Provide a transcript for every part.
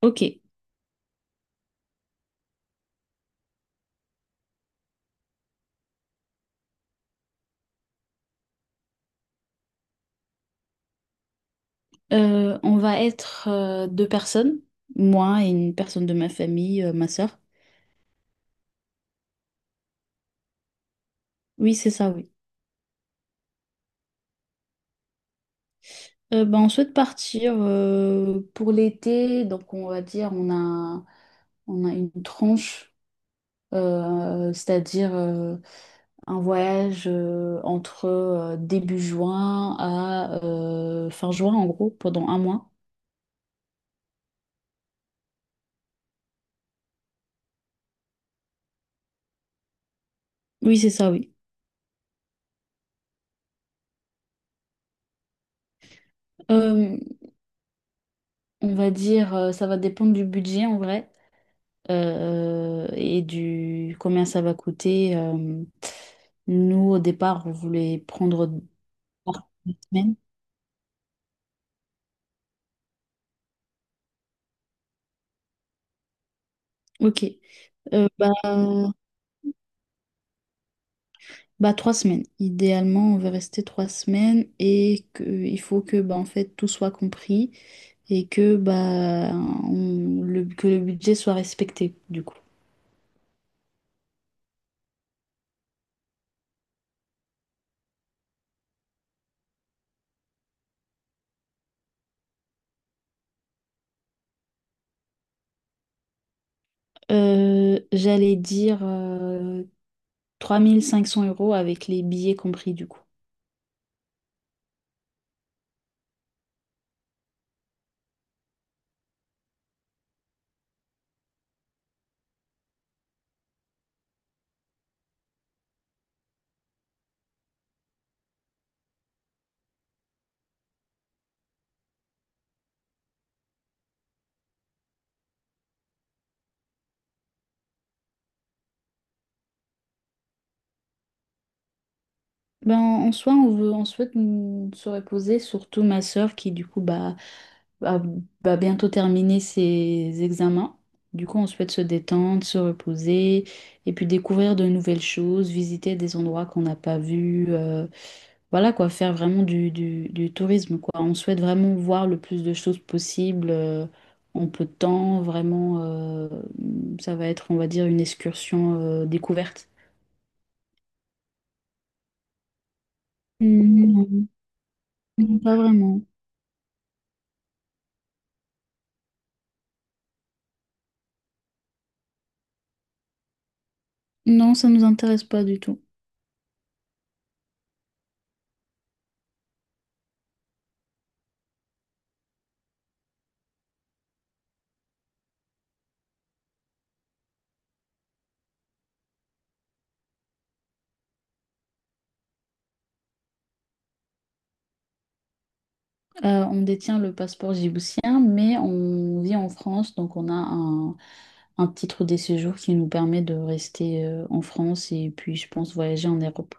Ok, on va être deux personnes, moi et une personne de ma famille, ma sœur. Oui, c'est ça, oui. Ben, on souhaite partir pour l'été, donc on va dire on a une tranche, c'est-à-dire un voyage entre début juin à fin juin, en gros, pendant un mois. Oui, c'est ça, oui. Euh, on va dire, ça va dépendre du budget en vrai. Et du combien ça va coûter. Nous, au départ, on voulait prendre 3 semaines. Ok. Bah, bah, 3 semaines. Idéalement, on veut rester 3 semaines et que, il faut que bah, en fait, tout soit compris et que, bah, que le budget soit respecté, du coup. J'allais dire 3 500 € avec les billets compris, du coup. Ben, en soi, on souhaite se reposer, surtout ma sœur qui, du coup, bah, va, va bientôt terminer ses examens. Du coup, on souhaite se détendre, se reposer et puis découvrir de nouvelles choses, visiter des endroits qu'on n'a pas vus. Voilà quoi, faire vraiment du tourisme quoi. On souhaite vraiment voir le plus de choses possible en peu de temps. Vraiment, ça va être, on va dire, une excursion découverte. Mm, non, non, pas vraiment. Non, ça ne nous intéresse pas du tout. On détient le passeport djiboutien, mais on vit en France, donc on a un titre de séjour qui nous permet de rester en France et puis, je pense, voyager en Europe.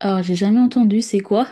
Alors, j'ai jamais entendu, c'est quoi?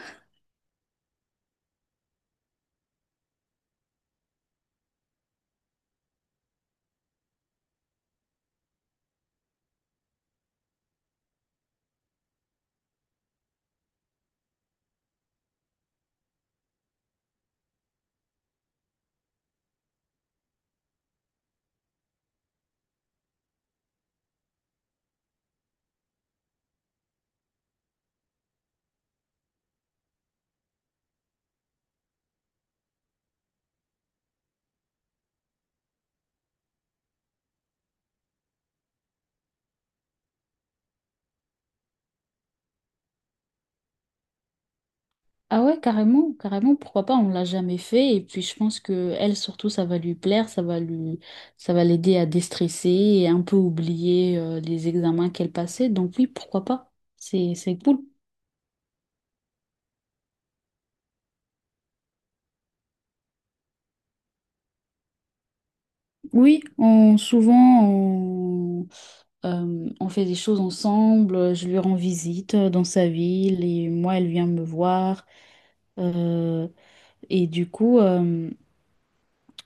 Ah ouais, carrément, carrément, pourquoi pas, on l'a jamais fait. Et puis, je pense que elle, surtout, ça va lui plaire, ça va l'aider à déstresser et un peu oublier les examens qu'elle passait. Donc oui, pourquoi pas? C'est cool. Oui, souvent, on. On fait des choses ensemble, je lui rends visite dans sa ville et moi, elle vient me voir. Euh, et du coup,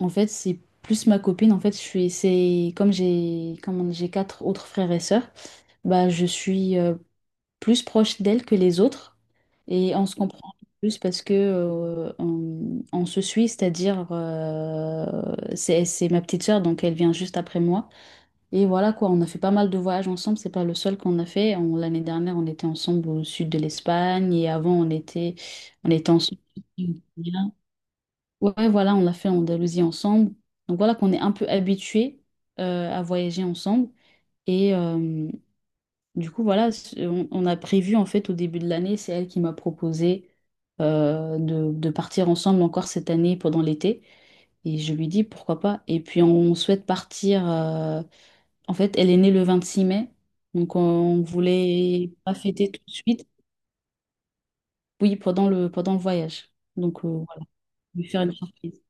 en fait, c'est plus ma copine. En fait, c'est comme j'ai quatre autres frères et sœurs, bah, je suis plus proche d'elle que les autres et on se comprend plus parce que on se suit, c'est-à-dire c'est ma petite sœur, donc elle vient juste après moi. Et voilà quoi, on a fait pas mal de voyages ensemble, c'est pas le seul qu'on a fait. L'année dernière, on était ensemble au sud de l'Espagne et avant, on était ensemble. Ouais, voilà, on l'a fait en Andalousie ensemble. Donc voilà qu'on est un peu habitués à voyager ensemble. Et du coup, voilà, on a prévu en fait au début de l'année, c'est elle qui m'a proposé de partir ensemble encore cette année pendant l'été. Et je lui dis pourquoi pas. Et puis on souhaite partir. En fait, elle est née le 26 mai, donc on voulait pas fêter tout de suite. Oui, pendant le voyage. Donc voilà, lui faire une surprise.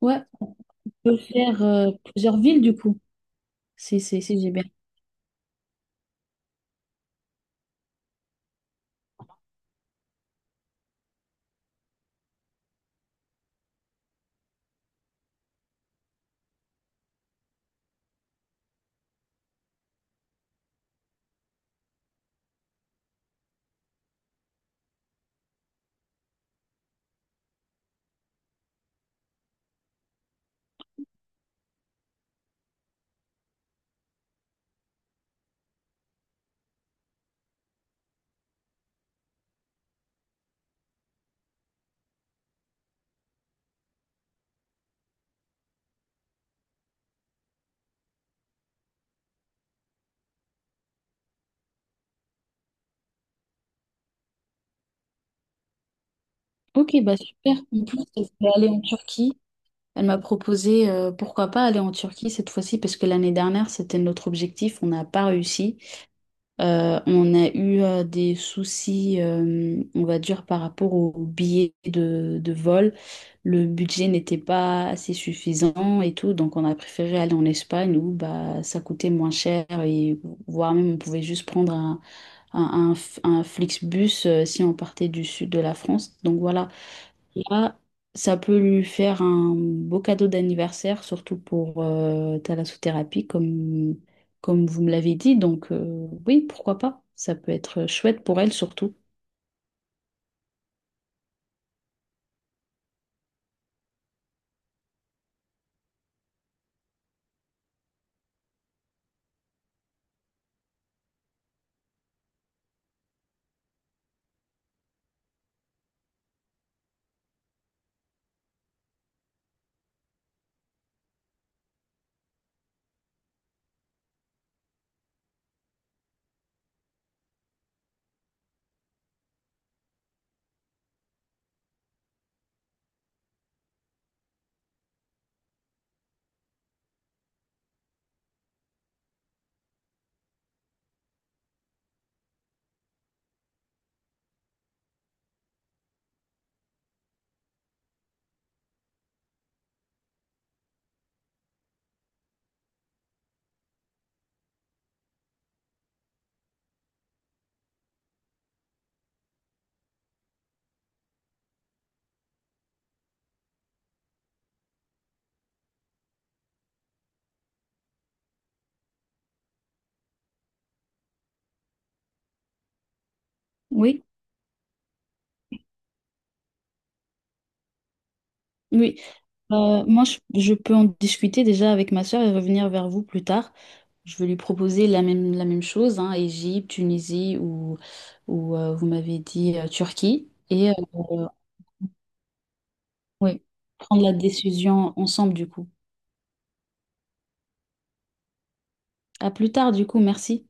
Ouais, on peut faire plusieurs villes du coup, si j'ai bien. Ok, bah super. En plus, elle voulait aller en Turquie. Elle m'a proposé pourquoi pas aller en Turquie cette fois-ci, parce que l'année dernière, c'était notre objectif. On n'a pas réussi. On a eu des soucis, on va dire, par rapport aux billets de vol. Le budget n'était pas assez suffisant et tout, donc on a préféré aller en Espagne où bah, ça coûtait moins cher et voire même on pouvait juste prendre un Flixbus si on partait du sud de la France. Donc voilà, là, ça peut lui faire un beau cadeau d'anniversaire, surtout pour thalassothérapie, comme vous me l'avez dit. Donc oui, pourquoi pas? Ça peut être chouette pour elle surtout. Oui. Oui, moi, je peux en discuter déjà avec ma sœur et revenir vers vous plus tard. Je vais lui proposer la même chose, hein, Égypte, Tunisie ou, vous m'avez dit Turquie. Et oui, prendre la décision ensemble du coup. À plus tard du coup, merci.